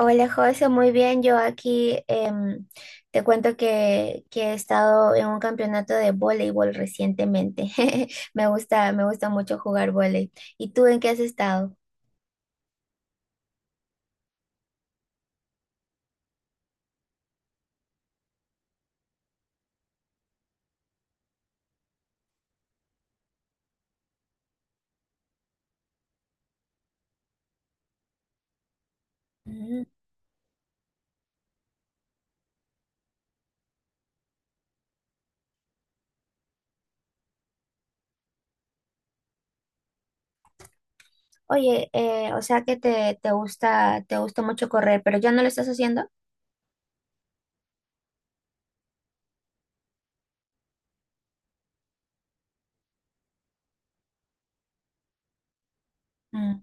Hola José, muy bien. Yo aquí te cuento que he estado en un campeonato de voleibol recientemente. Me gusta mucho jugar voleibol. ¿Y tú en qué has estado? Mm. Oye, o sea que te gusta mucho correr, pero ya no lo estás haciendo. Mm.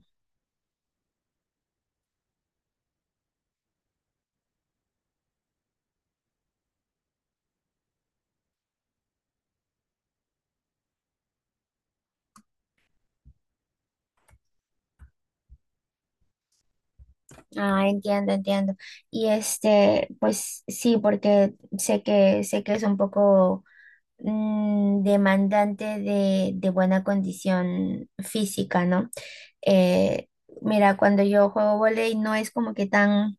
Ah, entiendo, entiendo. Y este, pues sí, porque sé que es un poco demandante de buena condición física, ¿no? Eh, Mira, cuando yo juego vóley no es como que tan,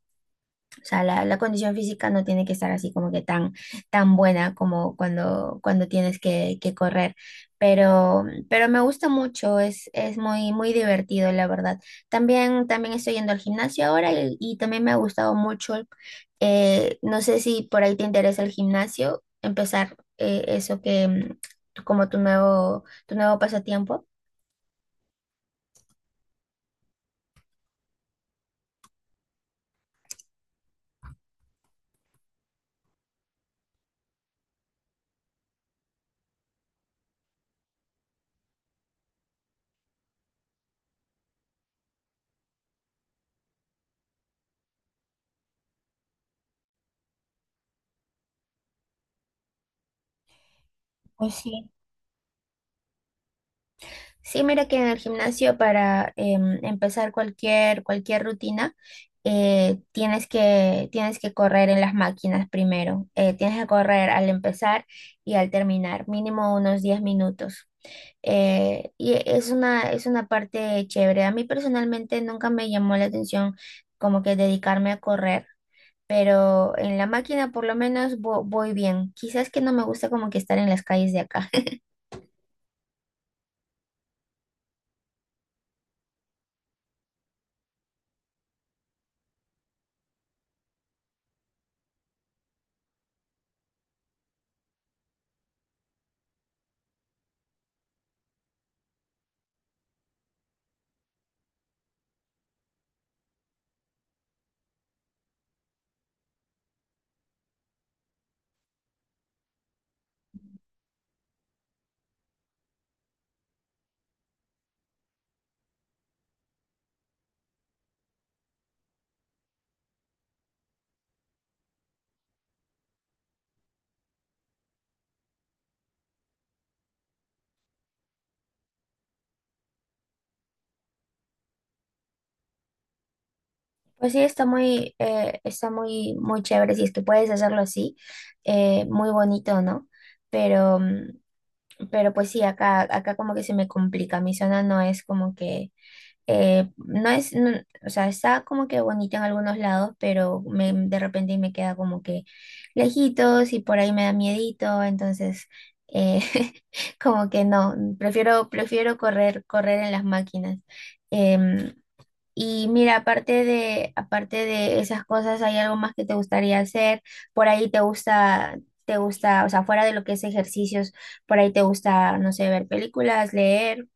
o sea, la condición física no tiene que estar así como que tan, tan buena como cuando tienes que correr. Pero me gusta mucho, es muy, muy divertido, la verdad. También estoy yendo al gimnasio ahora y también me ha gustado mucho. No sé si por ahí te interesa el gimnasio, empezar eso que como tu nuevo pasatiempo. Pues sí. Sí, mira que en el gimnasio para empezar cualquier rutina, tienes que correr en las máquinas primero. Tienes que correr al empezar y al terminar, mínimo unos 10 minutos. Y es una parte chévere. A mí personalmente nunca me llamó la atención como que dedicarme a correr, pero en la máquina por lo menos voy bien. Quizás que no me gusta como que estar en las calles de acá. Pues sí, está está muy, muy chévere si es que puedes hacerlo así, muy bonito, ¿no? Pero, mm, pero pues sí, acá como que se me complica. Mi zona no es como que. No es, no-, o sea, está como que bonita en algunos lados, pero de repente me queda como que lejitos y por ahí me da miedito. Entonces eh, como que no, prefiero correr, correr en las máquinas. Em, y mira, aparte de, esas cosas, ¿hay algo más que te gustaría hacer? Por ahí te gusta, o sea, fuera de lo que es ejercicios, por ahí te gusta, no sé, ver películas, leer.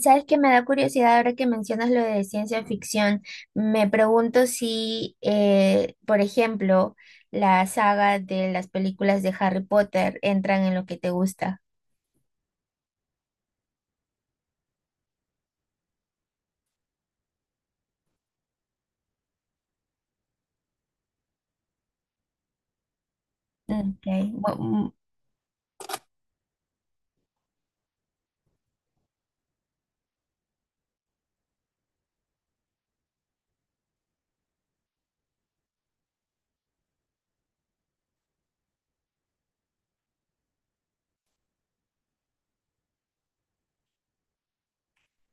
Sabes que me da curiosidad ahora que mencionas lo de ciencia ficción. Me pregunto si, por ejemplo, la saga de las películas de Harry Potter entran en lo que te gusta. Mm, ok. Bu- mm,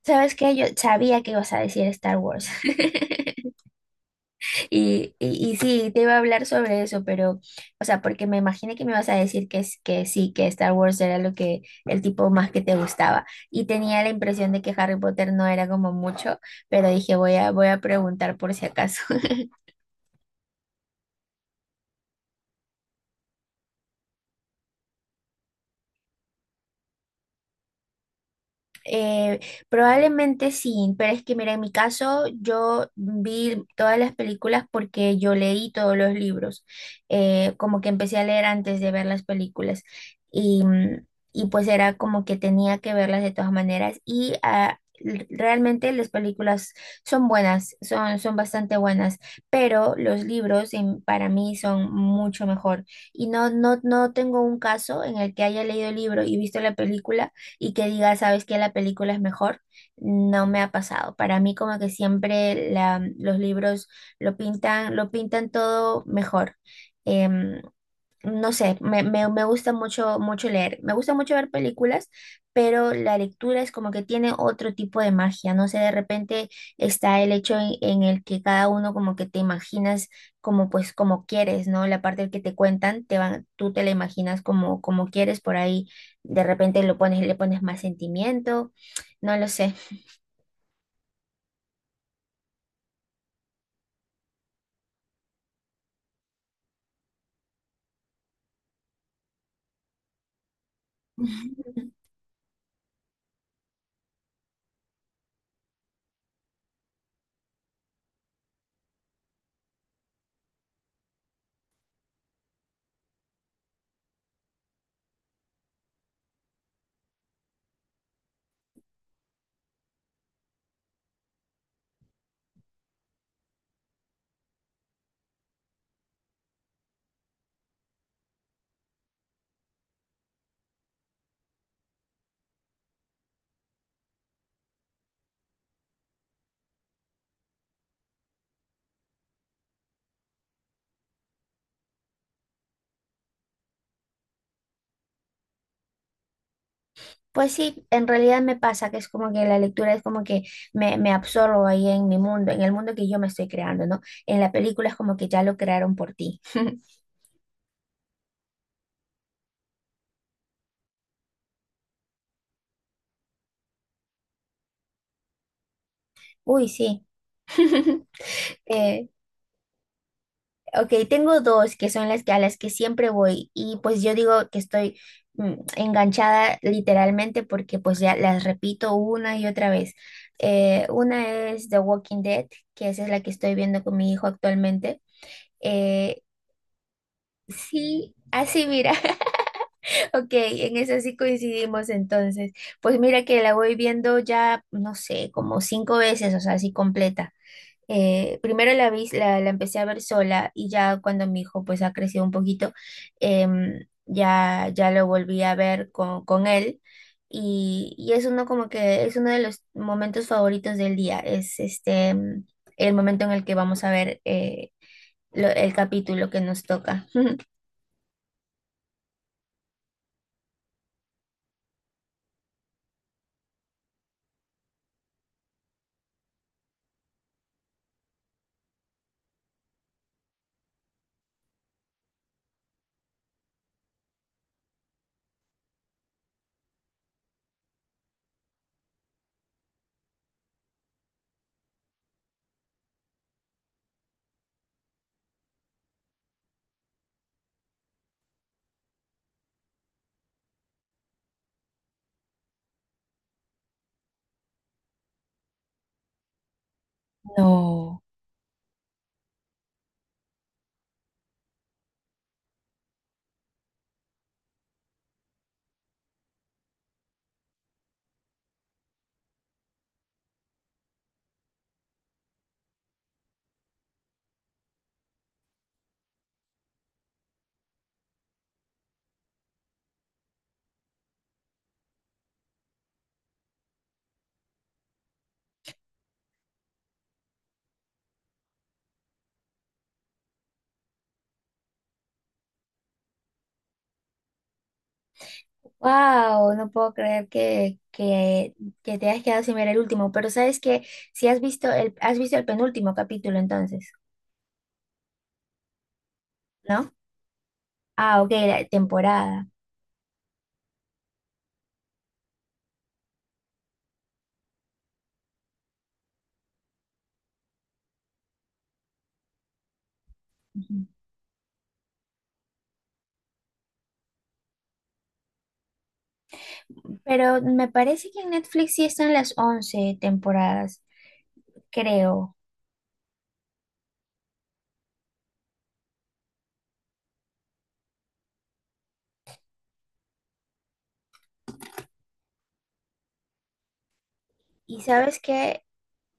¿Sabes qué? Yo sabía que ibas a decir Star Wars. Y sí, te iba a hablar sobre eso, pero, o sea, porque me imaginé que me ibas a decir que sí, que Star Wars era lo que, el tipo más que te gustaba. Y tenía la impresión de que Harry Potter no era como mucho, pero dije, voy a preguntar por si acaso. Eh, Probablemente sí, pero es que mira, en mi caso yo vi todas las películas porque yo leí todos los libros, como que empecé a leer antes de ver las películas y, mm, y pues era como que tenía que verlas de todas maneras y realmente las películas son buenas, son bastante buenas, pero los libros para mí son mucho mejor y no tengo un caso en el que haya leído el libro y visto la película y que diga, sabes que la película es mejor. No me ha pasado. Para mí como que siempre los libros lo pintan todo mejor. Em, no sé, me gusta mucho, mucho leer. Me gusta mucho ver películas, pero la lectura es como que tiene otro tipo de magia. No sé, de repente está el hecho en, el que cada uno como que te imaginas como pues como quieres, ¿no? La parte que te cuentan, te van, tú te la imaginas como quieres por ahí. De repente lo pones, le pones más sentimiento, no lo sé. Pues sí, en realidad me pasa que es como que la lectura es como que me absorbo ahí en mi mundo, en el mundo que yo me estoy creando, ¿no? En la película es como que ya lo crearon por ti. Uy, sí. Eh, ok, tengo dos que son las que a las que siempre voy y pues yo digo que estoy enganchada literalmente porque pues ya las repito una y otra vez. Una es The Walking Dead, que esa es la que estoy viendo con mi hijo actualmente. Eh, sí, así mira. Ok, en eso sí coincidimos entonces. Pues mira que la voy viendo ya, no sé, como cinco veces, o sea, así completa. Primero la vi, la empecé a ver sola y ya cuando mi hijo pues ha crecido un poquito, ya lo volví a ver con, él y es uno como que es uno de los momentos favoritos del día, es este, el momento en el que vamos a ver el capítulo que nos toca. Wow, no puedo creer que te hayas quedado sin ver el último, pero sabes que, si has visto el penúltimo capítulo entonces, ¿no? Ah, ok, la temporada. Ujú. Pero me parece que en Netflix sí están las 11 temporadas, creo. Y sabes que.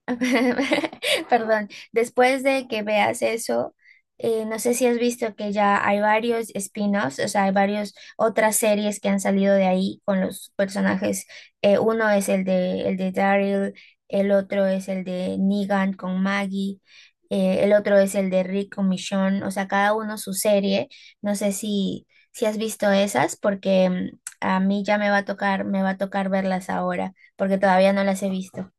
Perdón, después de que veas eso, no sé si has visto que ya hay varios spin-offs, o sea, hay varias otras series que han salido de ahí con los personajes. Uno es el de, Daryl, el otro es el de Negan con Maggie, el otro es el de Rick con Michonne, o sea, cada uno su serie. No sé si has visto esas, porque a mí ya me va a tocar verlas ahora, porque todavía no las he visto.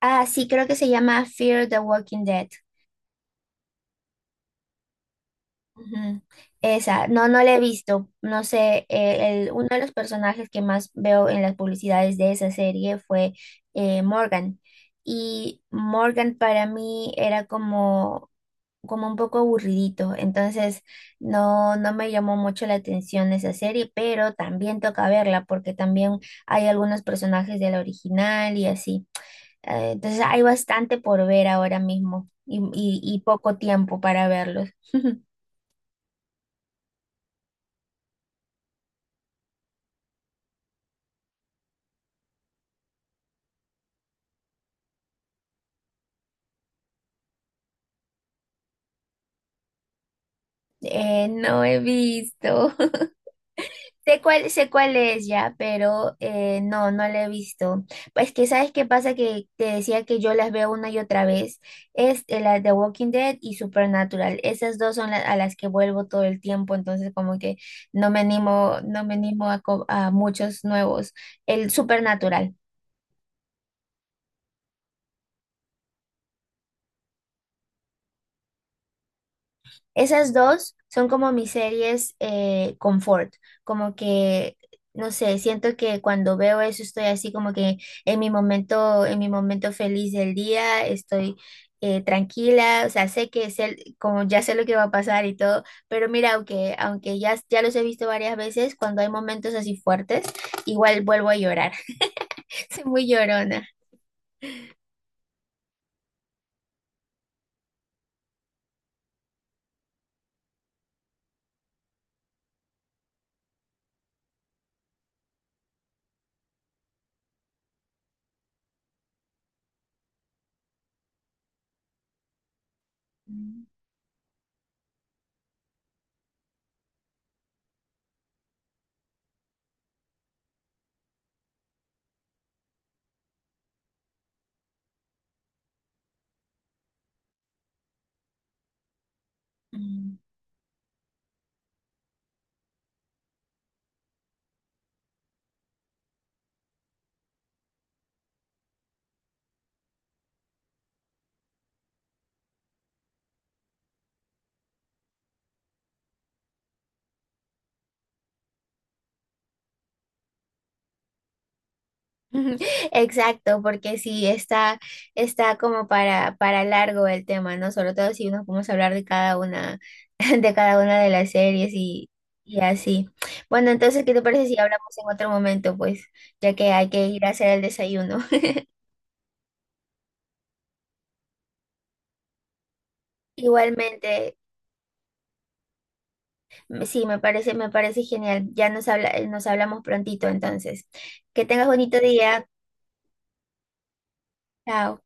Ah, sí, creo que se llama Fear the Walking Dead. Ujú. Esa, no la he visto. No sé, uno de los personajes que más veo en las publicidades de esa serie fue Morgan. Y Morgan para mí era como un poco aburridito. Entonces, no me llamó mucho la atención esa serie, pero también toca verla porque también hay algunos personajes de la original y así. Entonces hay bastante por ver ahora mismo y poco tiempo para verlos. No he visto. Sé cuál es ya, pero no la he visto. Pues que sabes qué pasa que te decía que yo las veo una y otra vez. Es la de Walking Dead y Supernatural. Esas dos son las a las que vuelvo todo el tiempo, entonces como que no me animo a muchos nuevos. El Supernatural. Esas dos son como mis series confort, como que, no sé, siento que cuando veo eso estoy así como que en mi momento feliz del día, estoy tranquila, o sea, sé que es como ya sé lo que va a pasar y todo, pero mira, aunque ya, los he visto varias veces, cuando hay momentos así fuertes, igual vuelvo a llorar. Soy muy llorona. Mm. Ujú. Exacto, porque sí, está como para largo el tema, ¿no? Sobre todo si nos podemos hablar de cada una, de cada una de las series, y así. Bueno, entonces, ¿qué te parece si hablamos en otro momento? Pues, ya que hay que ir a hacer el desayuno. Igualmente, sí, me parece, genial. Ya nos hablamos prontito, entonces. Que tengas bonito día. Chao.